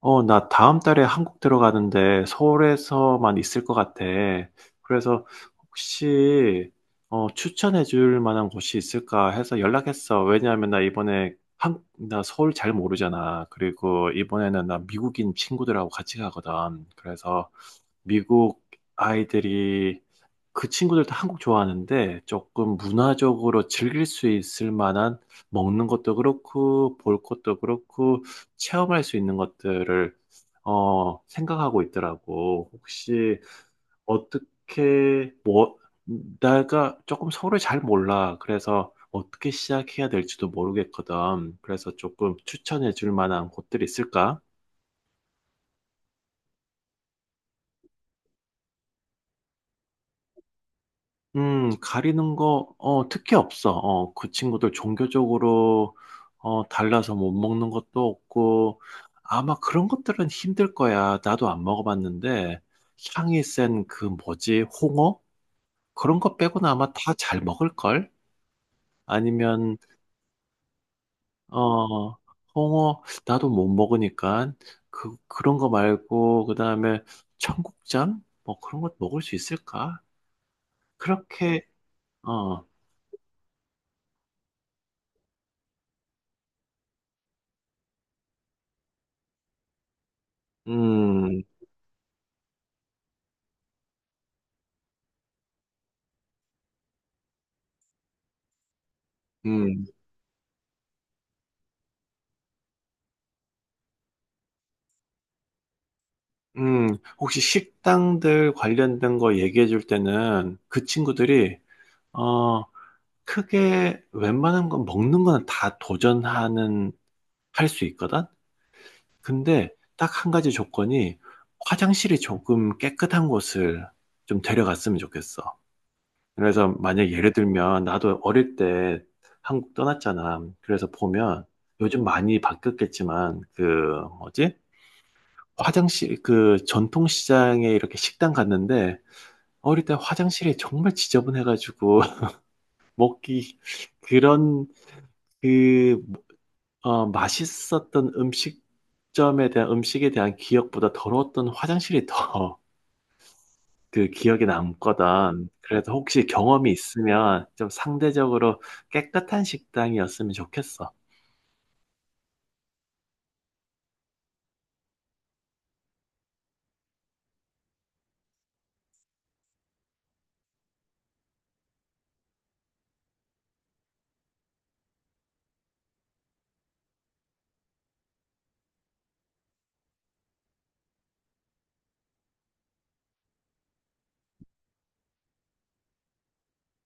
나 다음 달에 한국 들어가는데 서울에서만 있을 것 같아. 그래서 혹시 추천해 줄 만한 곳이 있을까 해서 연락했어. 왜냐하면 나 서울 잘 모르잖아. 그리고 이번에는 나 미국인 친구들하고 같이 가거든. 그래서 미국 아이들이 그 친구들도 한국 좋아하는데 조금 문화적으로 즐길 수 있을 만한, 먹는 것도 그렇고 볼 것도 그렇고 체험할 수 있는 것들을 생각하고 있더라고. 혹시 어떻게 뭐, 내가 조금 서울을 잘 몰라. 그래서 어떻게 시작해야 될지도 모르겠거든. 그래서 조금 추천해 줄 만한 곳들이 있을까? 가리는 거, 특히 없어. 어, 그 친구들 종교적으로, 달라서 못 먹는 것도 없고, 아마 그런 것들은 힘들 거야. 나도 안 먹어봤는데, 향이 센 그 뭐지, 홍어? 그런 거 빼고는 아마 다 잘 먹을걸? 아니면, 어, 홍어, 나도 못 먹으니까, 그런 거 말고, 그 다음에 청국장? 뭐 그런 것 먹을 수 있을까? 그렇게, 어, 음, 음. 혹시 식당들 관련된 거 얘기해 줄 때는 그 친구들이, 어, 크게 웬만한 건 먹는 거는 할 수 있거든? 근데 딱 한 가지 조건이, 화장실이 조금 깨끗한 곳을 좀 데려갔으면 좋겠어. 그래서 만약 예를 들면, 나도 어릴 때 한국 떠났잖아. 그래서 보면 요즘 많이 바뀌었겠지만 그 뭐지, 화장실, 그 전통시장에 이렇게 식당 갔는데 어릴 때 화장실이 정말 지저분해가지고 먹기, 그런 그 맛있었던 음식점에 대한 음식에 대한 기억보다 더러웠던 화장실이 더 그 기억에 남거든. 그래서 혹시 경험이 있으면 좀 상대적으로 깨끗한 식당이었으면 좋겠어.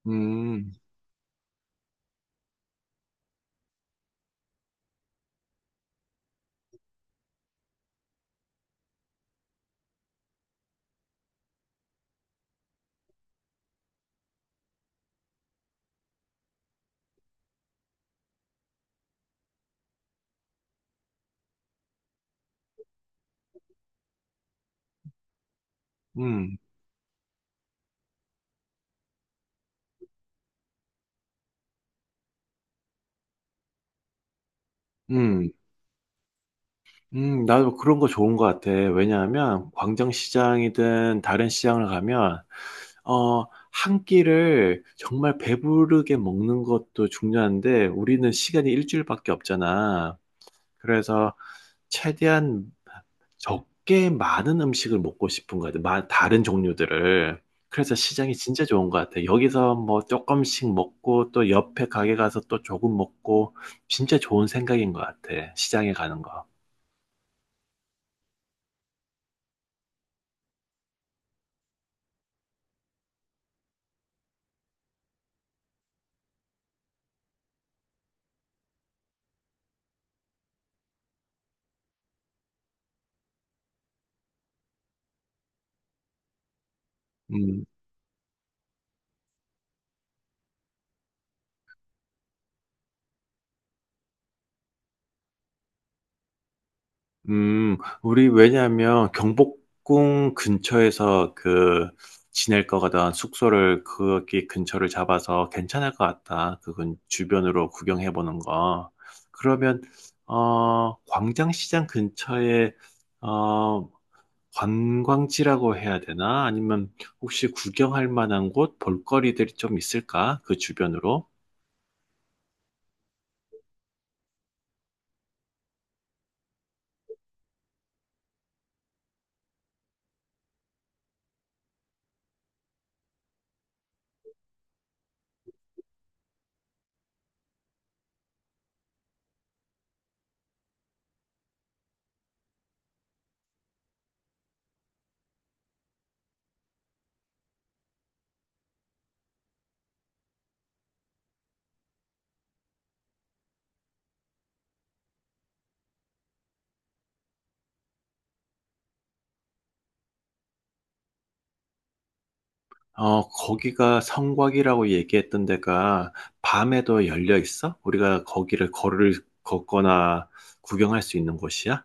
음, 음, 음. 나도 그런 거 좋은 것 같아. 왜냐하면 광장시장이든 다른 시장을 가면 어, 한 끼를 정말 배부르게 먹는 것도 중요한데 우리는 시간이 일주일밖에 없잖아. 그래서 최대한 적게 많은 음식을 먹고 싶은 거 같아. 다른 종류들을. 그래서 시장이 진짜 좋은 것 같아. 여기서 뭐 조금씩 먹고 또 옆에 가게 가서 또 조금 먹고, 진짜 좋은 생각인 것 같아, 시장에 가는 거. 음. 우리 왜냐하면 경복궁 근처에서 그 지낼 거거든. 숙소를 거기 근처를 잡아서 괜찮을 것 같다, 그건 주변으로 구경해 보는 거. 그러면 어, 광장시장 근처에 어, 관광지라고 해야 되나? 아니면 혹시 구경할 만한 곳, 볼거리들이 좀 있을까, 그 주변으로? 어, 거기가 성곽이라고 얘기했던 데가 밤에도 열려 있어? 우리가 거기를 걸을 걷거나 구경할 수 있는 곳이야?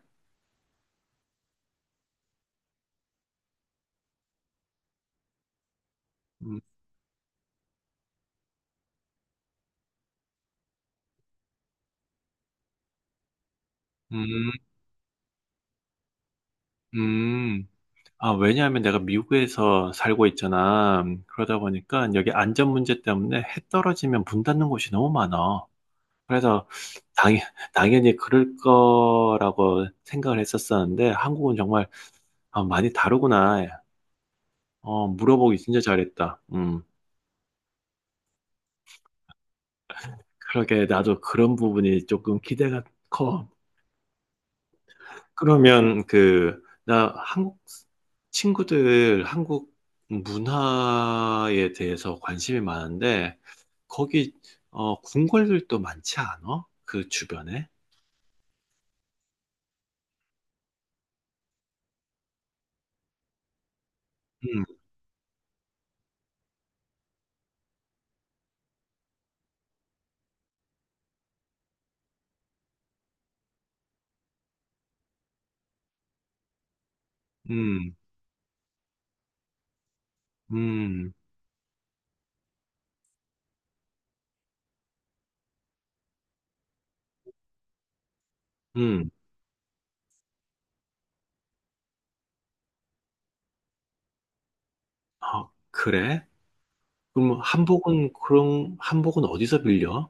음, 음, 음. 아, 왜냐하면 내가 미국에서 살고 있잖아. 그러다 보니까 여기 안전 문제 때문에 해 떨어지면 문 닫는 곳이 너무 많아. 그래서 당, 당연히 그럴 거라고 생각을 했었었는데 한국은 정말, 아, 많이 다르구나. 어, 물어보기 진짜 잘했다. 음. 그러게, 나도 그런 부분이 조금 기대가 커. 그러면 그, 나 한국 친구들 한국 문화에 대해서 관심이 많은데 거기 어, 궁궐들도 많지 않아, 그 주변에? 음, 음, 음, 음. 아, 그래? 그럼 한복은 그런 한복은 어디서 빌려?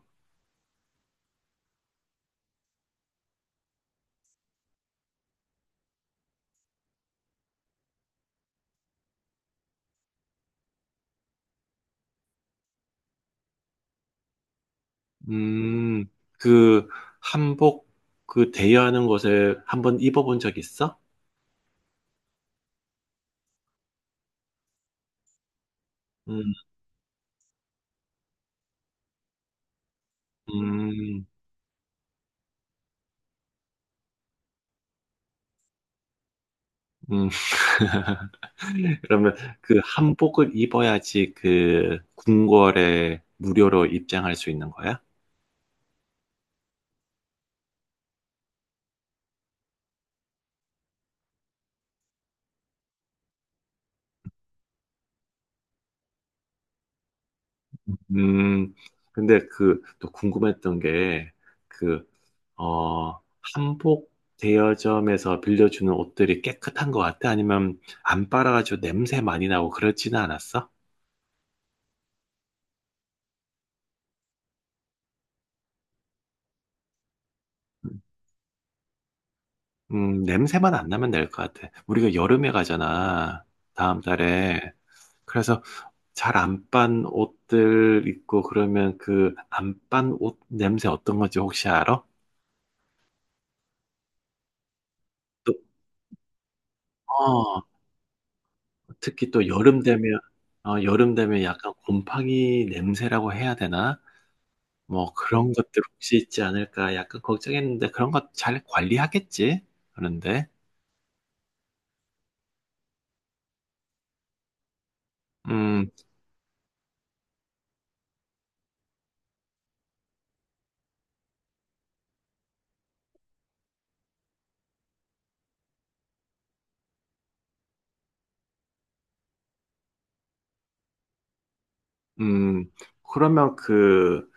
음, 그 한복 그 대여하는 곳에 한번 입어본 적 있어? 음. 음, 음. 그러면 그 한복을 입어야지 그 궁궐에 무료로 입장할 수 있는 거야? 음, 근데 그 또 궁금했던 게 그, 어, 한복 대여점에서 빌려주는 옷들이 깨끗한 것 같아? 아니면 안 빨아가지고 냄새 많이 나고 그렇지는 않았어? 냄새만 안 나면 될 것 같아. 우리가 여름에 가잖아, 다음 달에. 그래서 잘 안 빤 옷들 입고 그러면 그 안 빤 옷 냄새 어떤 건지 혹시 알아? 또 어. 특히 또 여름 되면, 약간 곰팡이 냄새라고 해야 되나? 뭐 그런 것들 혹시 있지 않을까 약간 걱정했는데, 그런 거 잘 관리하겠지? 그런데 음, 음. 그러면 그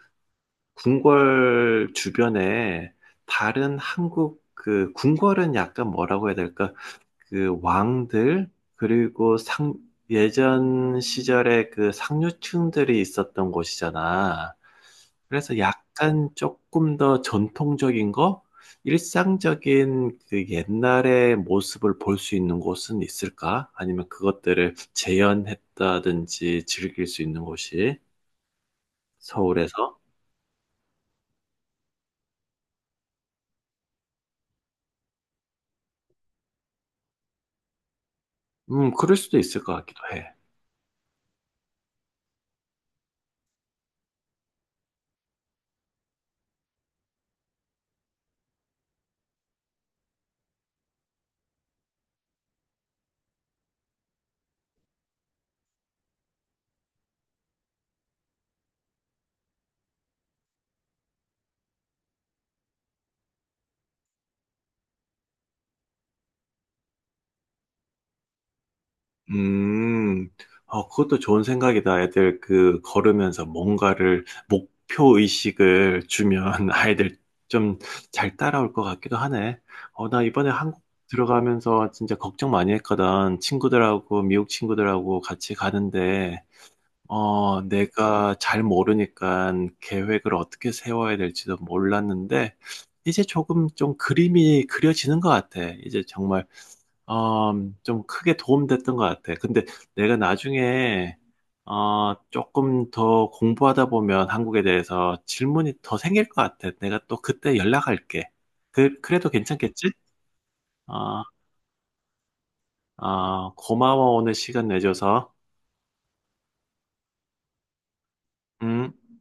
궁궐 주변에, 다른 한국 그 궁궐은 약간 뭐라고 해야 될까? 그 왕들, 그리고 상, 예전 시절에 그 상류층들이 있었던 곳이잖아. 그래서 약간 조금 더 전통적인 거? 일상적인 그 옛날의 모습을 볼 수 있는 곳은 있을까? 아니면 그것들을 재현했다든지 즐길 수 있는 곳이 서울에서? 그럴 수도 있을 것 같기도 해. 음, 어, 그것도 좋은 생각이다. 애들 그 걸으면서 뭔가를 목표 의식을 주면 아이들 좀 잘 따라올 것 같기도 하네. 어, 나 이번에 한국 들어가면서 진짜 걱정 많이 했거든. 친구들하고 미국 친구들하고 같이 가는데 어, 내가 잘 모르니까 계획을 어떻게 세워야 될지도 몰랐는데 이제 조금 좀 그림이 그려지는 것 같아. 이제 정말 어, 좀 크게 도움됐던 것 같아. 근데 내가 나중에 어, 조금 더 공부하다 보면 한국에 대해서 질문이 더 생길 것 같아. 내가 또 그때 연락할게. 그래도 괜찮겠지? 어, 어, 고마워, 오늘 시간 내줘서. 음.